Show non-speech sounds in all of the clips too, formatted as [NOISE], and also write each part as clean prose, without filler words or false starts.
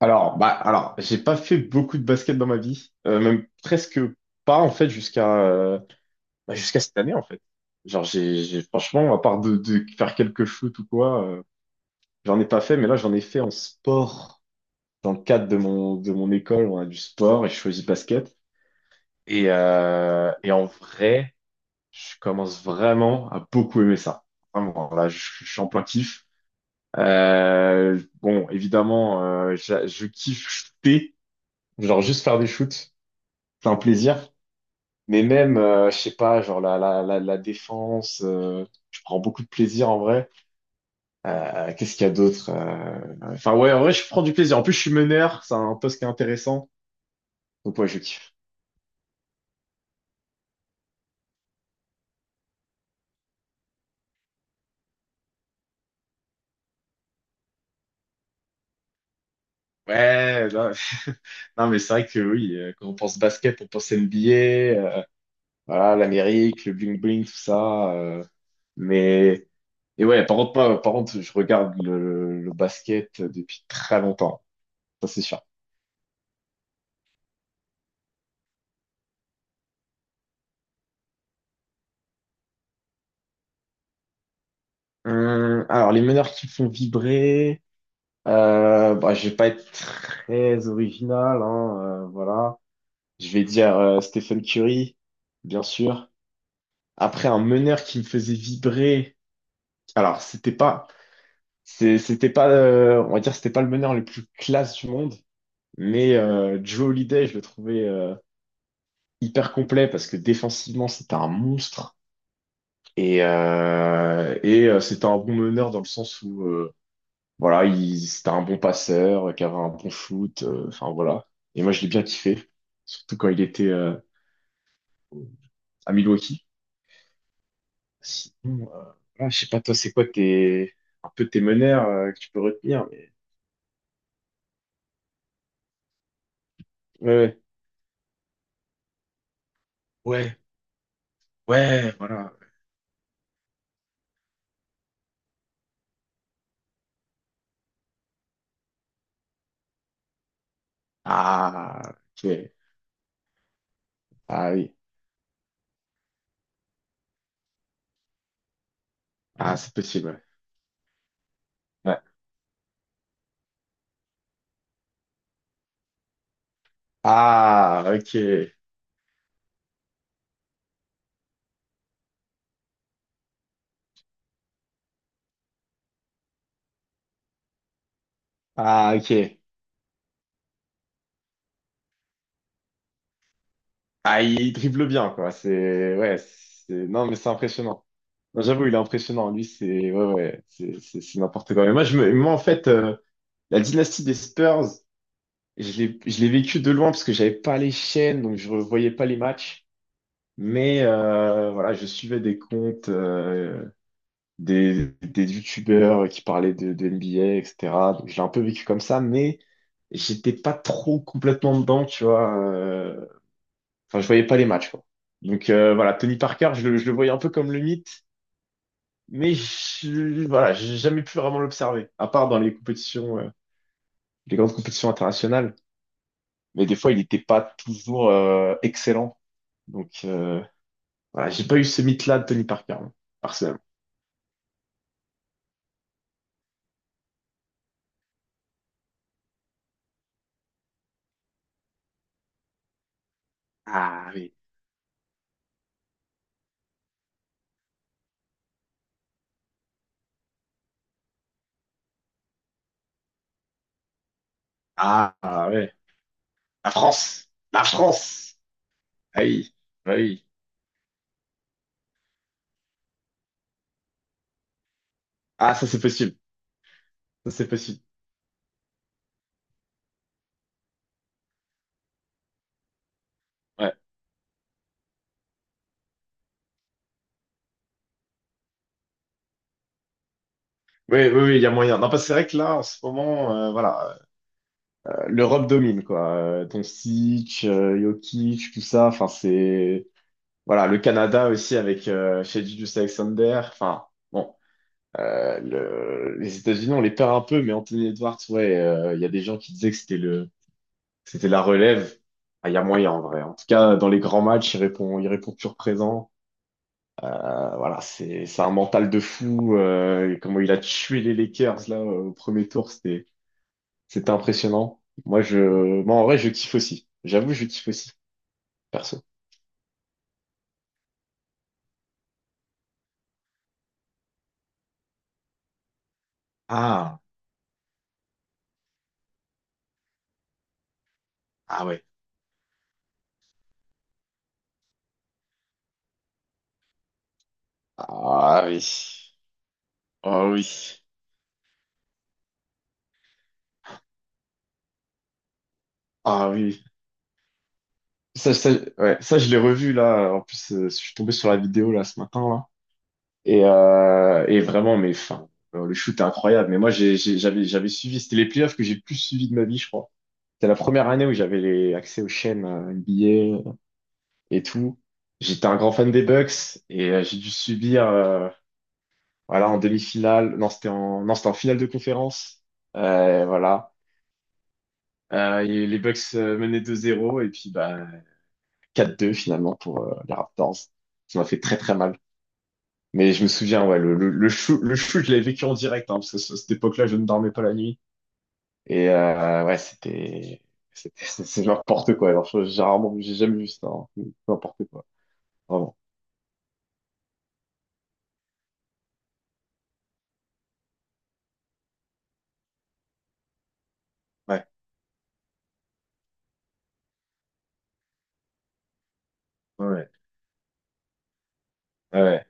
Alors, j'ai pas fait beaucoup de basket dans ma vie, même presque pas en fait jusqu'à cette année en fait. Genre, franchement, à part de faire quelques shoots ou quoi, j'en ai pas fait. Mais là, j'en ai fait en sport dans le cadre de mon école, on a du sport et je choisis basket. Et en vrai, je commence vraiment à beaucoup aimer ça. Vraiment, là, je suis en plein kiff. Bon, évidemment, je kiffe shooter, genre juste faire des shoots. C'est un plaisir. Mais même, je sais pas, genre la défense, je prends beaucoup de plaisir en vrai. Qu'est-ce qu'il y a d'autre? Enfin ouais, en vrai, je prends du plaisir. En plus, je suis meneur, c'est un poste qui est intéressant. Donc ouais, je kiffe. Ouais, non, [LAUGHS] non, mais c'est vrai que oui, quand on pense basket, on pense NBA, euh, voilà, l'Amérique, le bling-bling, tout ça. Mais et ouais, par contre, moi, par contre, je regarde le basket depuis très longtemps, ça c'est sûr. Alors, les meneurs qui me font vibrer. Je vais pas être très original, hein, voilà. Je vais dire Stephen Curry, bien sûr. Après, un meneur qui me faisait vibrer. Alors, c'était pas, on va dire, c'était pas le meneur le plus classe du monde, mais Drew Holiday, je le trouvais hyper complet parce que défensivement, c'était un monstre et c'était un bon meneur dans le sens où voilà, c'était un bon passeur, qui avait un bon foot, enfin voilà. Et moi, je l'ai bien kiffé, surtout quand il était à Milwaukee. Sinon, voilà, je sais pas, toi, c'est quoi un peu tes meneurs que tu peux retenir, mais. Ouais, ouais, ouais, voilà. Ah, ok. Ah oui. Ah, c'est possible, ouais. Ouais. Ah, ok. Ah, ok. Ah, il dribble bien, quoi. Ouais, non, mais c'est impressionnant. Non, j'avoue, il est impressionnant. Lui, c'est ouais, ouais, c'est n'importe quoi. Mais moi, moi, en fait, la dynastie des Spurs, je l'ai vécue de loin parce que j'avais pas les chaînes, donc je revoyais pas les matchs. Mais voilà, je suivais des comptes, des youtubeurs qui parlaient de NBA, etc. Donc, je l'ai un peu vécu comme ça, mais j'étais pas trop complètement dedans, tu vois. Enfin, je voyais pas les matchs, quoi. Donc, voilà, Tony Parker, je le voyais un peu comme le mythe, mais voilà, j'ai jamais pu vraiment l'observer, à part dans les compétitions, les grandes compétitions internationales. Mais des fois, il n'était pas toujours excellent. Donc, voilà, j'ai pas eu ce mythe-là de Tony Parker, hein, personnellement. Ah oui. Ah, ah, ouais. La France. La France. Ah oui. Ah oui. Ah, ça c'est possible. Ça c'est possible. Ouais. Oui, oui, oui, il y a moyen. Non, parce que c'est vrai que là, en ce moment, voilà, l'Europe domine, quoi. Doncic, Jokic, tout ça, enfin, c'est. Voilà, le Canada aussi avec chez Julius Alexander. Enfin, bon, les États-Unis, on les perd un peu, mais Anthony Edwards, ouais, il y a des gens qui disaient que c'était la relève. Ah, il y a moyen en vrai. En tout cas, dans les grands matchs, il répond toujours présent. Voilà, c'est, un mental de fou. Et comment il a tué les Lakers là au premier tour, c'était impressionnant. Moi, moi en vrai, je kiffe aussi. J'avoue, je kiffe aussi, perso. Ah, ah ouais. Ah oui. Oh oui. Ah oui, ça, ça, ouais, ça je l'ai revu là. En plus, je suis tombé sur la vidéo là ce matin là. Et vraiment, mais enfin, le shoot est incroyable. Mais moi, j'avais suivi. C'était les playoffs que j'ai le plus suivi de ma vie, je crois. C'était la première année où j'avais les accès aux chaînes NBA et tout. J'étais un grand fan des Bucks et j'ai dû subir, voilà, en demi-finale. Non, c'était en, non, c'était en finale de conférence. Voilà. Et les Bucks menaient 2-0 et puis bah. 4-2 finalement pour les Raptors. Ça m'a fait très très mal. Mais je me souviens, ouais, le shoot, je l'avais vécu en direct, hein, parce que à cette époque-là, je ne dormais pas la nuit. Et ouais, [LAUGHS] c'est n'importe quoi. Alors, j'ai rarement, j'ai jamais vu ça. Hein. N'importe quoi, vraiment. Ouais, ouais, ouais. Ouais. Ouais.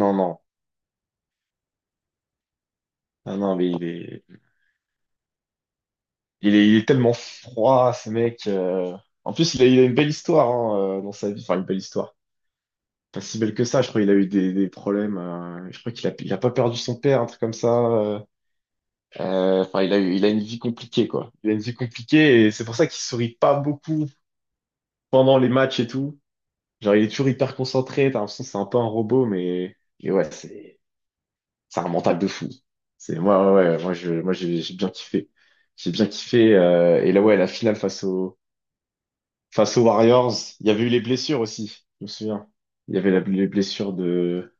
Non, non, non, non, mais il est tellement froid, ce mec. En plus, il a une belle histoire hein, dans sa vie. Enfin, une belle histoire. Pas si belle que ça. Je crois qu'il a eu des problèmes. Je crois qu'il a pas perdu son père, un truc comme ça. Enfin, il a une vie compliquée, quoi. Il a une vie compliquée et c'est pour ça qu'il sourit pas beaucoup pendant les matchs et tout. Genre, il est toujours hyper concentré. T'as l'impression que c'est un peu un robot, et ouais, c'est un mental de fou. Ouais, ouais, moi, j'ai bien kiffé. J'ai bien kiffé. Et là, ouais, la finale face aux Warriors. Il y avait eu les blessures aussi. Je me souviens. Il y avait les blessures de,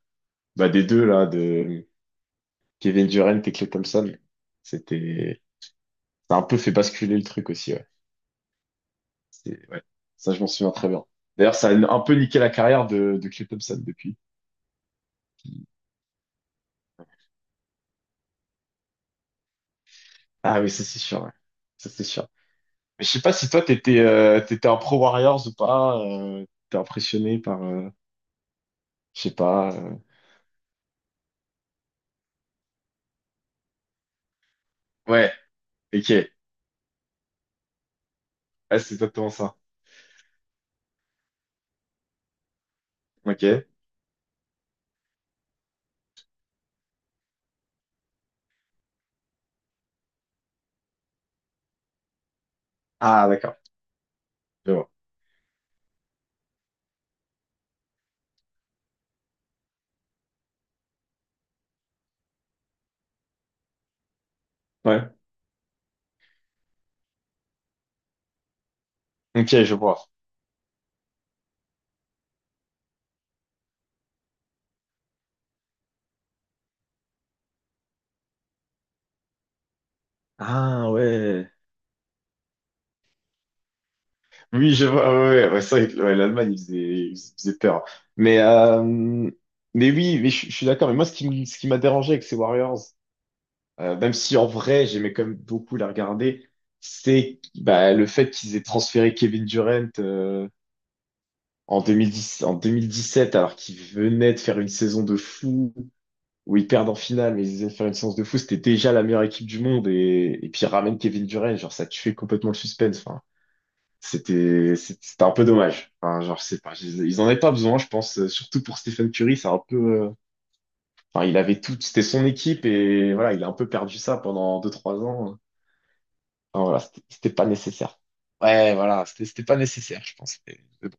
bah, des deux là, de Kevin Durant et Klay Thompson. C'était, ça a un peu fait basculer le truc aussi, ouais. Ouais. Ça, je m'en souviens très bien. D'ailleurs, ça a un peu niqué la carrière de Klay Thompson depuis. Ah oui, ça c'est sûr, ouais. Ça c'est sûr. Mais je sais pas si toi t'étais t'étais un pro Warriors ou pas, t'es impressionné par, je sais pas. Ouais, ok. Ouais, c'est exactement ça. Ok. Ah d'accord. Je vois. Ouais. Ok, je vois. Ah ouais. Oui, je vois. Ouais, ouais, ouais, c'est vrai que ouais, l'Allemagne, il faisait peur. Mais, euh, mais oui, mais je suis d'accord. Mais moi, ce qui m'a dérangé avec ces Warriors, même si en vrai, j'aimais quand même beaucoup la regarder, c'est bah, le fait qu'ils aient transféré Kevin Durant en 2010, en sept alors qu'il venait de faire une saison de fou, où ils perdent en finale, mais ils venaient de faire une séance de fou. C'était déjà la meilleure équipe du monde. Et puis, ils ramènent Kevin Durant, genre, ça tuait complètement le suspense. Enfin. C'était un peu dommage. Enfin, genre, je sais pas, ils en avaient pas besoin, je pense, surtout pour Stephen Curry, c'est un peu, enfin, il avait tout, c'était son équipe et voilà, il a un peu perdu ça pendant deux trois ans. Enfin, voilà, c'était pas nécessaire. Ouais, voilà, c'était pas nécessaire, je pense. Mais bon,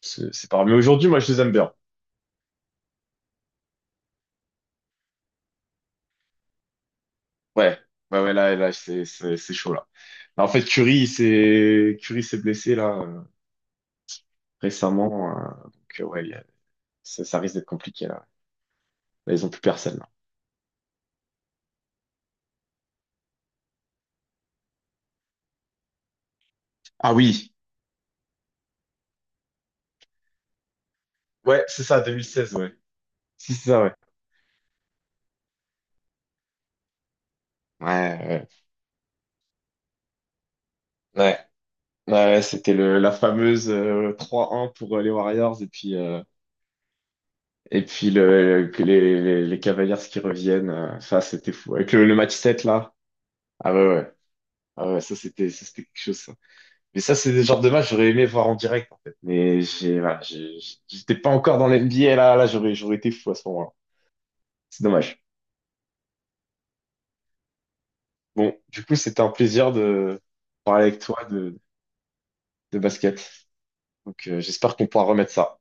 c'est pas grave. Mais aujourd'hui, moi, je les aime bien. Ouais, ouais, ouais, là, c'est chaud, là. Là, en fait, Curry s'est blessé, là, récemment. Donc, ouais, ça risque d'être compliqué, là. Là, ils ont plus personne, là. Ah oui. Ouais, c'est ça, 2016 ouais. C'est ça, ouais. Ouais, ouais, ouais. Ouais, ouais, c'était la fameuse 3-1 pour les Warriors et puis le, que les Cavaliers qui reviennent. Ça, c'était fou. Avec le match 7 là. Ah ouais, ouais. Ah ouais, ça, c'était quelque chose, ça. Mais ça, c'est des genres de match que j'aurais aimé voir en direct, en fait. Mais voilà, j'étais pas encore dans l'NBA, là. Là, j'aurais été fou à ce moment-là. C'est dommage. Bon, du coup, c'était un plaisir de parler avec toi de, basket. Donc, j'espère qu'on pourra remettre ça.